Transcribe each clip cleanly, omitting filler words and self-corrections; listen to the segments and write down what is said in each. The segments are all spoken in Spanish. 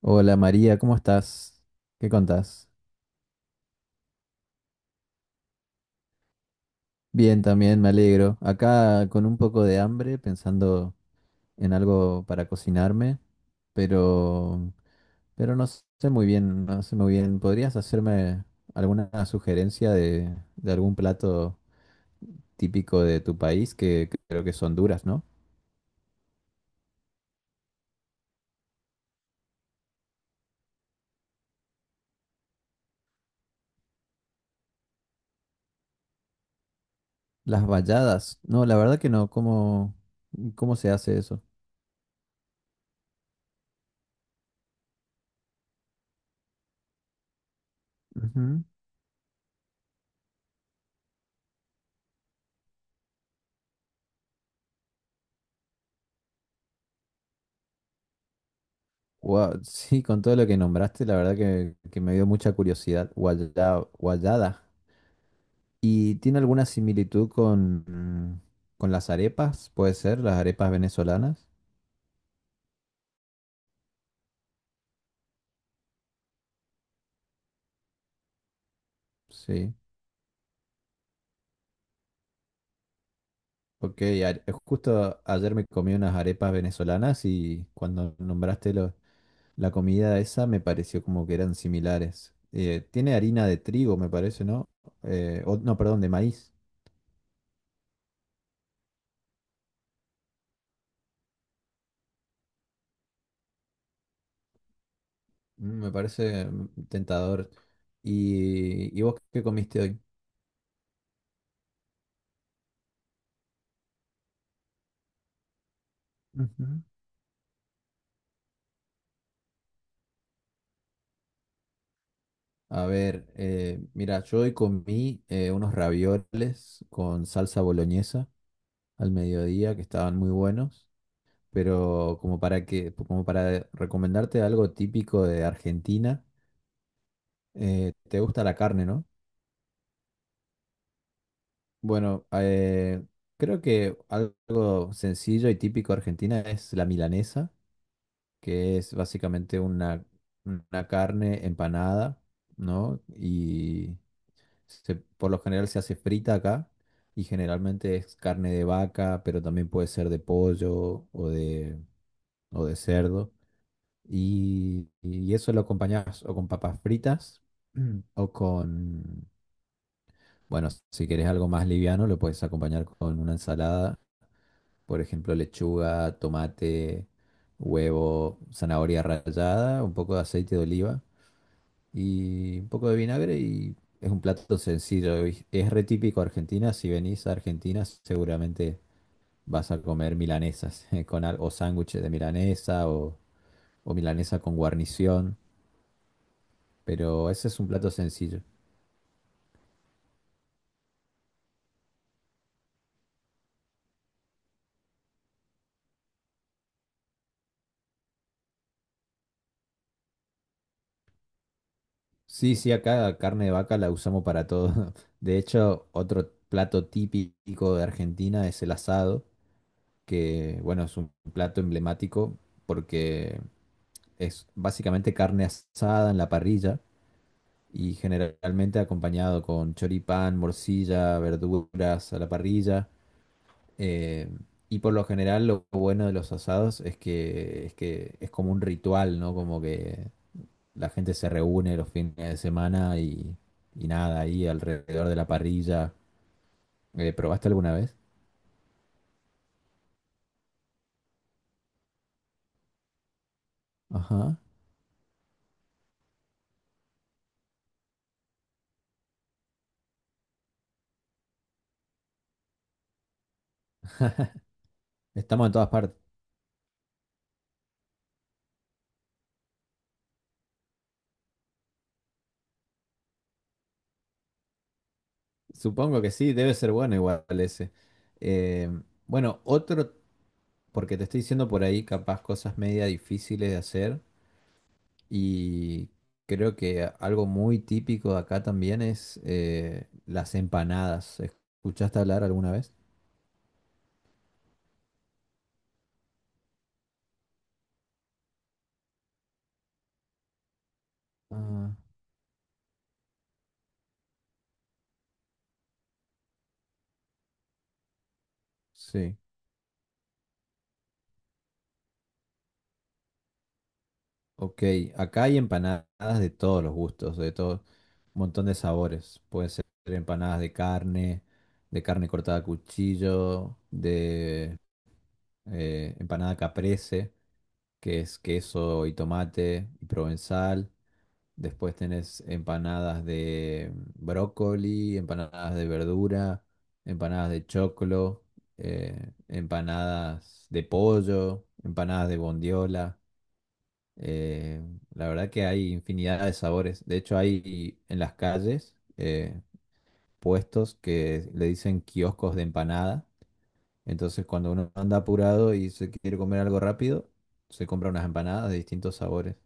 Hola María, ¿cómo estás? ¿Qué contás? Bien, también me alegro. Acá con un poco de hambre, pensando en algo para cocinarme, pero, pero no sé muy bien. ¿Podrías hacerme alguna sugerencia de algún plato típico de tu país, que creo que son duras, ¿no? Las valladas. No, la verdad que no. ¿Cómo se hace eso? Ujú. Guau, sí, con todo lo que nombraste, la verdad que me dio mucha curiosidad. Guayada, guayada. ¿Y tiene alguna similitud con, mm, con las arepas? ¿Puede ser? ¿Las arepas venezolanas? Sí. Ok, justo ayer me comí unas arepas venezolanas y cuando nombraste la comida esa me pareció como que eran similares. Tiene harina de trigo, me parece, ¿no? No, perdón, de maíz. Me parece tentador. ¿Y vos qué comiste hoy? Ujú. A ver, mira, yo hoy comí unos ravioles con salsa boloñesa al mediodía que estaban muy buenos, pero como para recomendarte algo típico de Argentina, te gusta la carne, ¿no? Bueno, creo que algo sencillo y típico de Argentina es la milanesa, que es básicamente una carne empanada, ¿no? Y por lo general se hace frita acá y generalmente es carne de vaca, pero también puede ser de pollo o de cerdo. Y eso lo acompañas o con papas fritas o con, bueno, si querés algo más liviano, lo puedes acompañar con una ensalada, por ejemplo, lechuga, tomate, huevo, zanahoria rallada, un poco de aceite de oliva, y un poco de vinagre y es un plato sencillo. Y es re típico Argentina. Si venís a Argentina seguramente vas a comer milanesas con o sándwiches de milanesa o milanesa con guarnición, pero ese es un plato sencillo. Sí, sí, acá la carne de vaca la usamos para todo. De hecho, otro plato típico de Argentina es el asado, que bueno, es un plato emblemático porque es básicamente carne asada en la parrilla y generalmente acompañado con choripán, morcilla, verduras a la parrilla. eh, y por lo general lo bueno de los asados es que es como un ritual, ¿no? Como que la gente se reúne los fines de semana y nada, ahí alrededor de la parrilla. ¿Probaste alguna vez? Ajá. Estamos en todas partes. Supongo que sí, debe ser bueno igual ese. Eh, bueno, otro, porque te estoy diciendo por ahí capaz cosas media difíciles de hacer. Y creo que algo muy típico de acá también es las empanadas. ¿Escuchaste hablar alguna vez? Ah, sí. Ok, acá hay empanadas de todos los gustos, de todo, un montón de sabores. Pueden ser empanadas de carne cortada a cuchillo, de empanada caprese, que es queso y tomate y provenzal. Después tenés empanadas de brócoli, empanadas de verdura, empanadas de choclo, empanadas de pollo, empanadas de bondiola. eh, la verdad que hay infinidad de sabores. De hecho, hay en las calles puestos que le dicen kioscos de empanada. Entonces, cuando uno anda apurado y se quiere comer algo rápido, se compra unas empanadas de distintos sabores.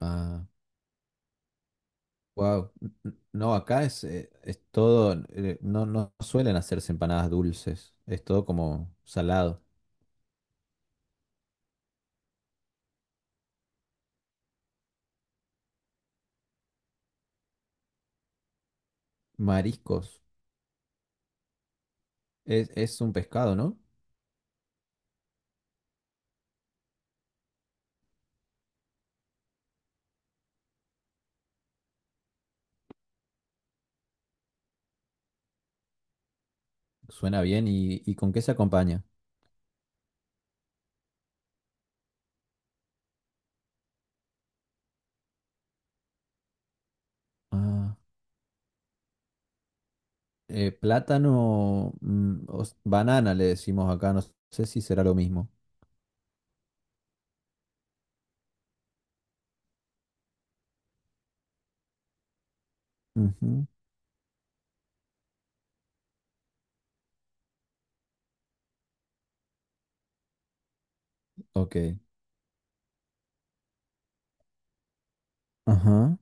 Ah, wow. No, acá es todo, no, no suelen hacerse empanadas dulces, es todo como salado. Mariscos, es un pescado, ¿no? Suena bien, y con qué se acompaña? Ah, plátano, o banana le decimos acá, no sé si será lo mismo. Ujú, ok. Ajá.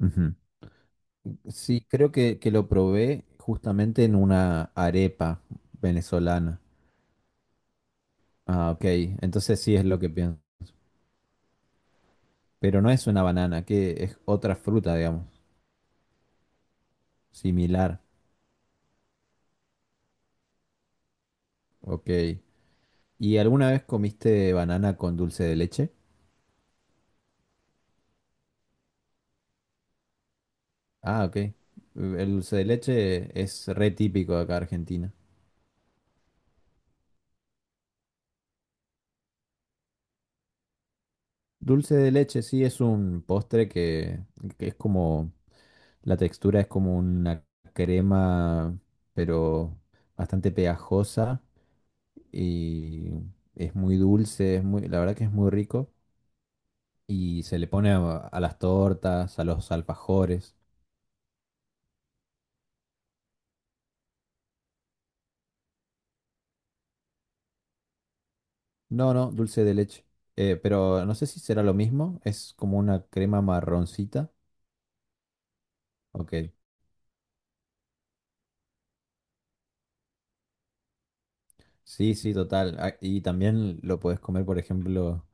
Ujú. Sí, creo que lo probé justamente en una arepa venezolana. Ah, ok, entonces sí es lo que pienso. Pero no es una banana, que es otra fruta, digamos, similar. Ok. ¿Y alguna vez comiste banana con dulce de leche? Ah, ok. El dulce de leche es re típico de acá de Argentina. Dulce de leche sí es un postre que es como, la textura es como una crema, pero bastante pegajosa y es muy dulce, es muy, la verdad que es muy rico y se le pone a las tortas, a los alfajores. No, no, dulce de leche. Pero no sé si será lo mismo. Es como una crema marroncita. Ok. Sí, sí, total. Ah, y también lo podés comer, por ejemplo,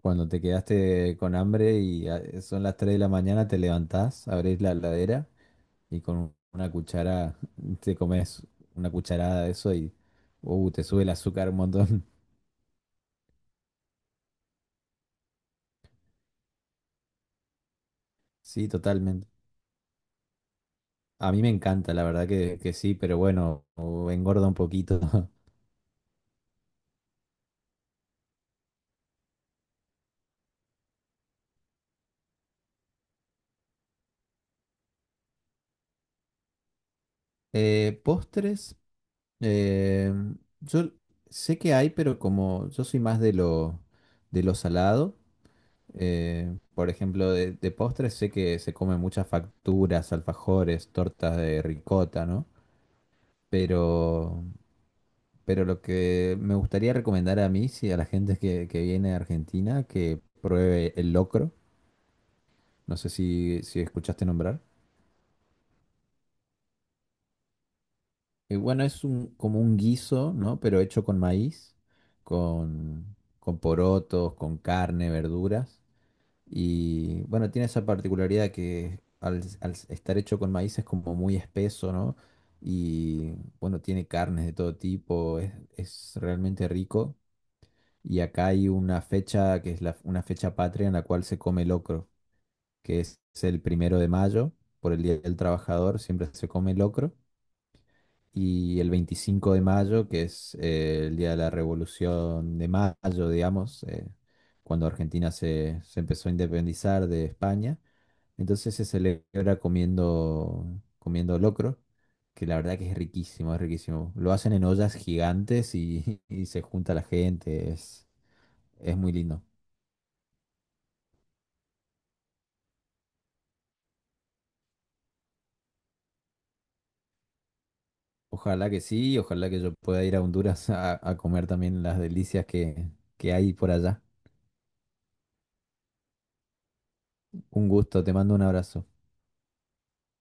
cuando te quedaste con hambre y ah, son las 3 de la mañana, te levantás, abrís la heladera y con una cuchara te comes una cucharada de eso y te sube el azúcar un montón. Sí, totalmente. A mí me encanta, la verdad que sí, pero bueno, engorda un poquito. Postres. Eh, yo sé que hay, pero como yo soy más de lo salado, por ejemplo, de postres sé que se comen muchas facturas, alfajores, tortas de ricota, ¿no? Pero, pero lo que me gustaría recomendar a mí, sí, a la gente que viene a Argentina, que pruebe el locro. No sé si escuchaste nombrar. Y bueno, es un, como un guiso, ¿no? Pero hecho con maíz, con porotos, con carne, verduras. Y bueno, tiene esa particularidad que al estar hecho con maíz es como muy espeso, ¿no? Y bueno, tiene carnes de todo tipo, es realmente rico. Y acá hay una fecha que es la, una fecha patria en la cual se come locro, que es el primero de mayo, por el Día del Trabajador, siempre se come locro y el 25 de mayo, que es el día de la Revolución de Mayo, digamos, cuando Argentina se empezó a independizar de España. Entonces se celebra comiendo locro, que la verdad que es riquísimo, es riquísimo. Lo hacen en ollas gigantes y, y se junta la gente, es muy lindo. Ojalá que sí, ojalá que yo pueda ir a Honduras a comer también las delicias que hay por allá. Un gusto, te mando un abrazo.